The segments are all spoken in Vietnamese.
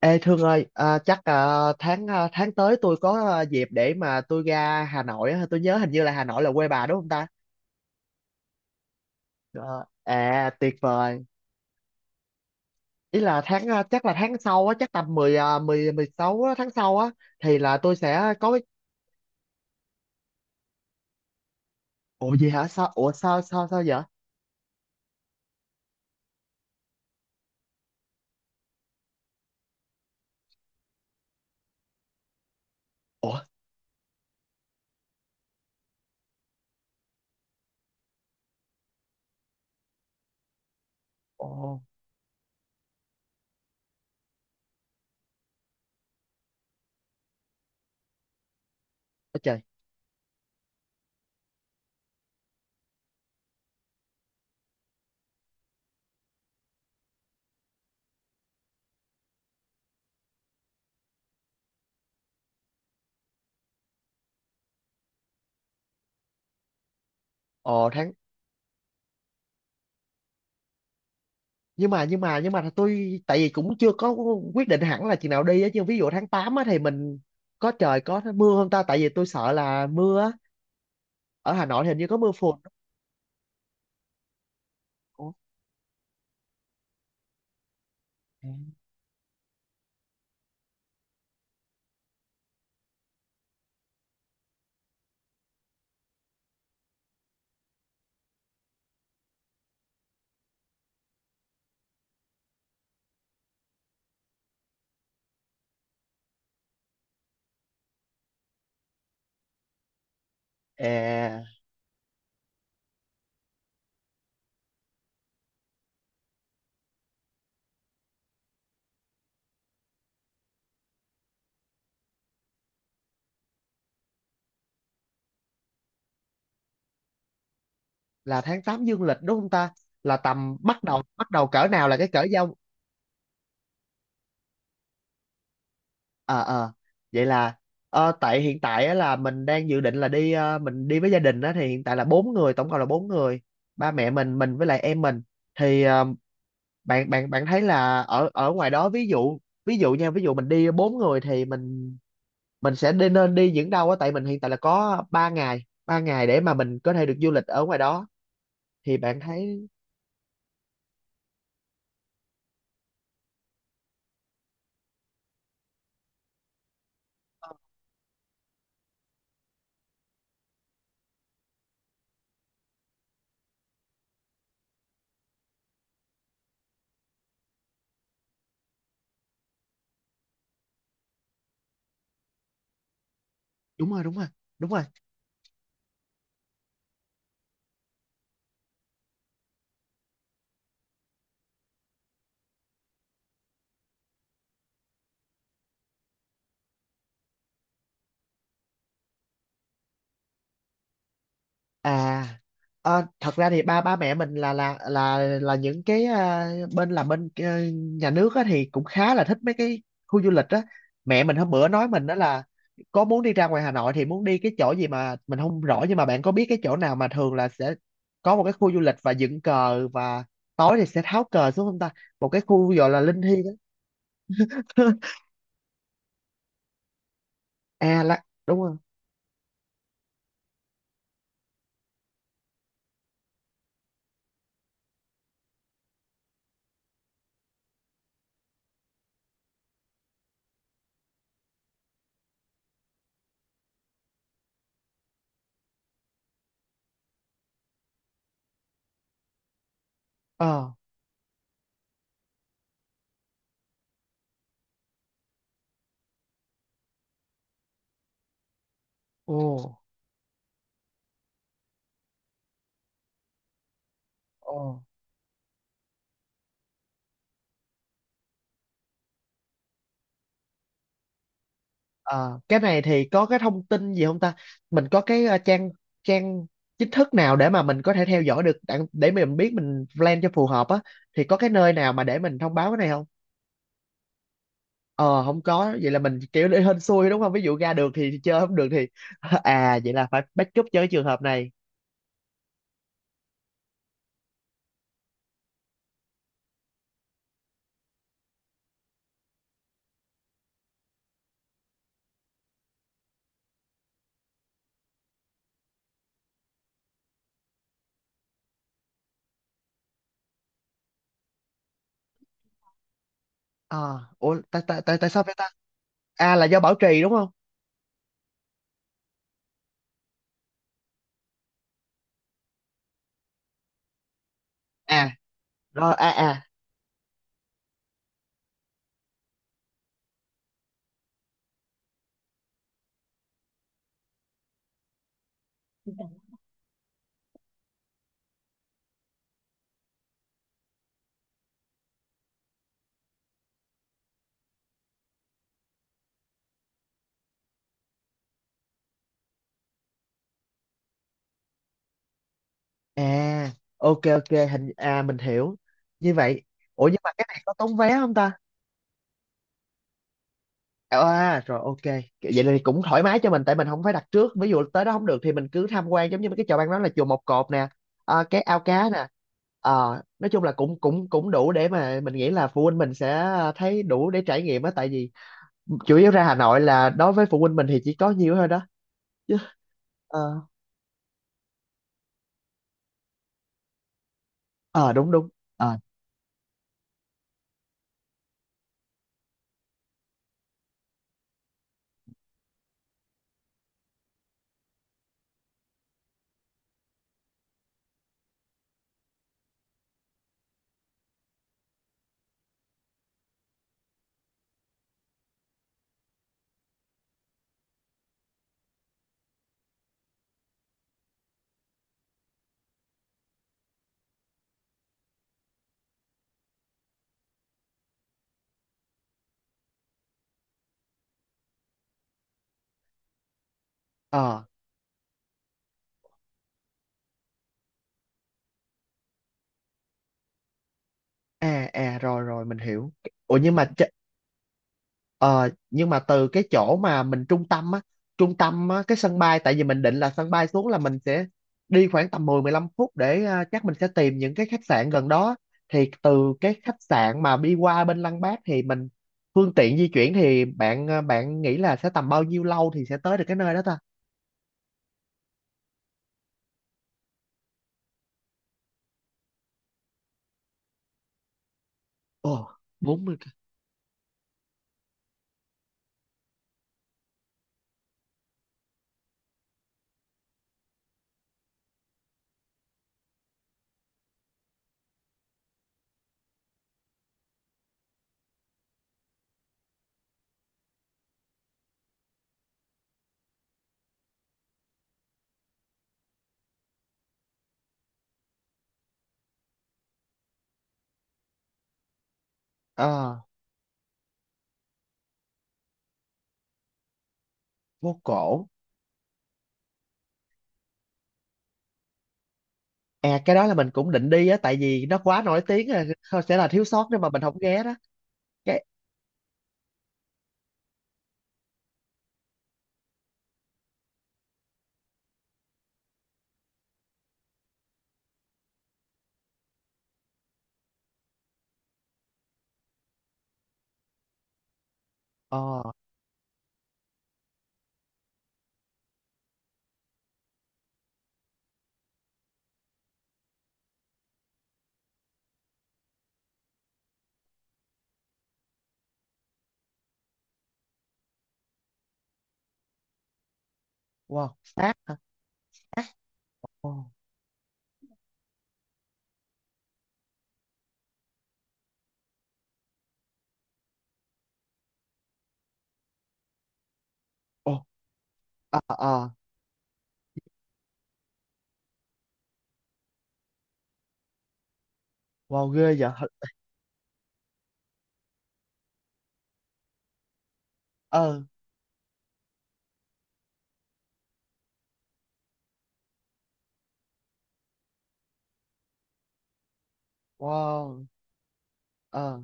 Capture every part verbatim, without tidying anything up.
Ê Thương ơi, à, chắc à, tháng à, tháng tới tôi có à, dịp để mà tôi ra Hà Nội á, tôi nhớ hình như là Hà Nội là quê bà đúng không ta? Ờ, à tuyệt vời. Ý là tháng à, chắc là tháng sau á, chắc tầm 10 à, 10 mười sáu á, tháng sau á thì là tôi sẽ có cái. Ủa gì hả? Sao ủa sao sao sao vậy? Ủa. Ồ, ôi trời. Ồ, tháng nhưng mà nhưng mà nhưng mà tôi tại vì cũng chưa có quyết định hẳn là chừng nào đi á, chứ ví dụ tháng tám á thì mình có trời, có mưa không ta? Tại vì tôi sợ là mưa á, ở Hà Nội thì hình như có mưa phùn. Ủa? À, à, là tháng tám dương lịch đúng không ta? Là tầm bắt đầu bắt đầu cỡ nào là cái cỡ giao. Ờ, ờ, vậy là ờ, tại hiện tại á, là mình đang dự định là đi ờ, mình đi với gia đình á, thì hiện tại là bốn người, tổng cộng là bốn người, ba mẹ mình mình với lại em mình. Thì ờ, bạn bạn bạn thấy là ở ở ngoài đó, ví dụ, ví dụ nha, ví dụ mình đi bốn người thì mình mình sẽ đi nên đi những đâu á, tại mình hiện tại là có ba ngày ba ngày để mà mình có thể được du lịch ở ngoài đó, thì bạn thấy ờ, đúng rồi, đúng rồi, đúng rồi. À, ờ, thật ra thì ba ba mẹ mình là là là là những cái à, bên là bên ờ, nhà nước á, thì cũng khá là thích mấy cái khu du lịch á. Mẹ mình hôm bữa nói mình đó là có muốn đi ra ngoài Hà Nội thì muốn đi cái chỗ gì mà mình không rõ, nhưng mà bạn có biết cái chỗ nào mà thường là sẽ có một cái khu du lịch và dựng cờ, và tối thì sẽ tháo cờ xuống không ta? Một cái khu gọi là linh Thi á. À là đúng rồi. Ờ. Ồ. Ồ. Ờ, cái này thì có cái thông tin gì không ta? Mình có cái ờ, trang trang chính thức nào để mà mình có thể theo dõi được, đặng- để mình biết mình plan cho phù hợp á, thì có cái nơi nào mà để mình thông báo cái này không? Ờ, không có, vậy là mình kiểu để hên xui đúng không? Ví dụ ra được thì, chơi không được thì à vậy là phải backup cho cái trường hợp này. Ờ, ủa tại tại tại tại sao vậy ta? À là do bảo trì đúng không? À rồi, à à à ok, ok, hình à mình hiểu. Như vậy, ủa nhưng mà cái này có tốn vé không ta? Ờ, à rồi, ok. Vậy thì cũng thoải mái cho mình, tại mình không phải đặt trước. Ví dụ tới đó không được thì mình cứ tham quan, giống như mấy cái chợ, ban đó là chùa Một Cột nè, ờ, cái ao cá nè. Ờ, nói chung là cũng cũng cũng đủ để mà mình nghĩ là phụ huynh mình sẽ thấy đủ để trải nghiệm á. Tại vì chủ yếu ra Hà Nội là, đối với phụ huynh mình thì chỉ có nhiêu thôi đó, chứ. Ờ, ờ, đúng, đúng. Ờ. Ờ, à à rồi, rồi, mình hiểu. Ủa nhưng mà, Ờ, nhưng mà từ cái chỗ mà mình trung tâm á, trung tâm á, cái sân bay, tại vì mình định là sân bay xuống là mình sẽ đi khoảng tầm mười mười lăm phút để ờ, chắc mình sẽ tìm những cái khách sạn gần đó. Thì từ cái khách sạn mà đi qua bên Lăng Bác thì mình, phương tiện di chuyển thì bạn ờ, bạn nghĩ là sẽ tầm bao nhiêu lâu thì sẽ tới được cái nơi đó ta? Ồ, bốn mươi cây. Ờ, phố cổ. À cái đó là mình cũng định đi á, tại vì nó quá nổi tiếng rồi, thôi sẽ là thiếu sót nếu mà mình không ghé đó. Cái, ờ, wow, sát hả? Ồ, ờ ờ wow, ghê vậy. Thật- ờ wow, ờ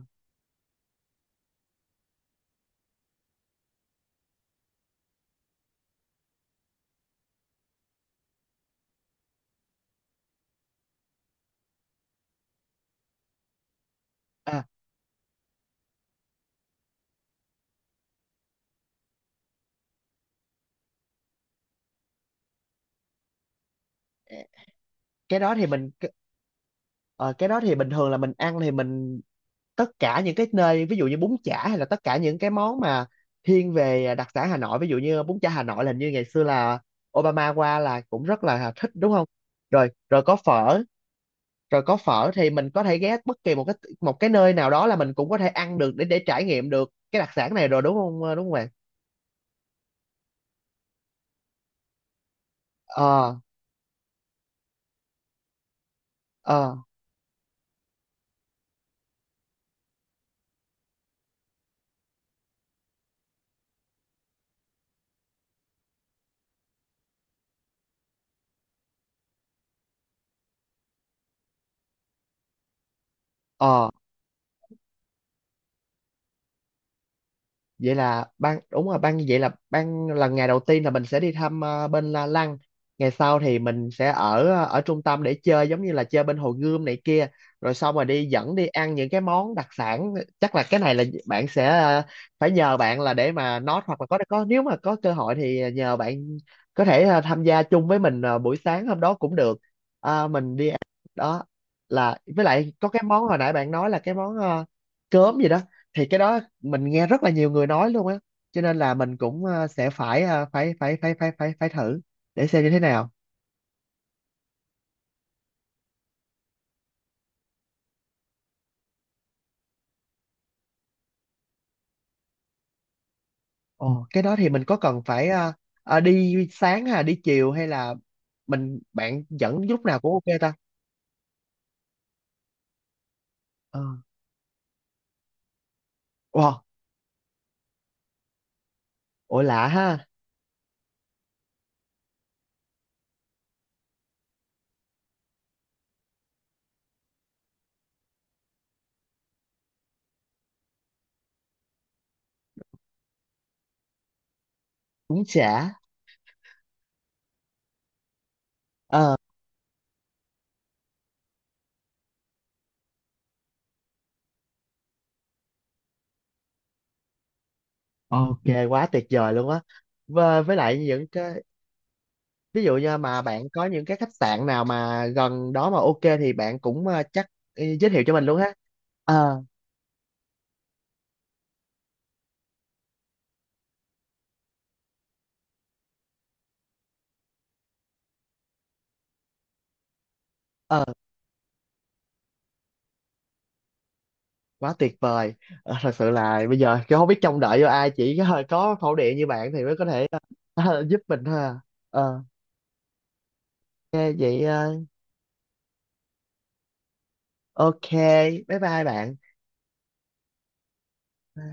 à cái đó thì mình cái- ờ, cái đó thì bình thường là mình ăn thì mình tất cả những cái nơi, ví dụ như bún chả, hay là tất cả những cái món mà thiên về đặc sản Hà Nội, ví dụ như bún chả Hà Nội là, hình như ngày xưa là Obama qua là cũng rất là thích đúng không? Rồi, rồi có phở, rồi có phở thì mình có thể ghé bất kỳ một cái một cái nơi nào đó là mình cũng có thể ăn được, để để trải nghiệm được cái đặc sản này rồi, đúng không, đúng không bạn? Ờ, ờ, ờ, vậy là ban, đúng rồi, ban, vậy là ban là ngày đầu tiên là mình sẽ đi thăm ờ, bên La Lăng, ngày sau thì mình sẽ ở ờ, ở trung tâm để chơi, giống như là chơi bên Hồ Gươm này kia, rồi xong rồi đi dẫn đi ăn những cái món đặc sản. Chắc là cái này là bạn sẽ ờ, phải nhờ bạn là để mà nói, hoặc là có có nếu mà có cơ hội thì nhờ bạn có thể ờ, tham gia chung với mình ờ, buổi sáng hôm đó cũng được. À, mình đi ăn đó, là với lại có cái món hồi nãy bạn nói là cái món ờ, cơm gì đó, thì cái đó mình nghe rất là nhiều người nói luôn á, cho nên là mình cũng ờ, sẽ phải ờ, phải phải phải phải phải phải thử để xem như thế nào. Ồ cái đó thì mình có cần phải ờ, ờ, đi sáng hay là đi chiều, hay là mình, bạn dẫn lúc nào cũng ok ta? ờ wow, ủa lạ ha. Cũng chả. ờ ok, quá tuyệt vời luôn á. Và với lại những cái, ví dụ như mà bạn có những cái khách sạn nào mà gần đó mà ok thì bạn cũng ờ, chắc ờ, giới thiệu cho mình luôn ha. Ờ, ờ. Quá tuyệt vời. Ờ, thật sự là bây giờ cái, không biết trông đợi vô ai, chỉ có, có khẩu điện như bạn thì mới có thể ờ, giúp mình thôi à. ờ Nghe vậy, ờ, ok, bye bye bạn.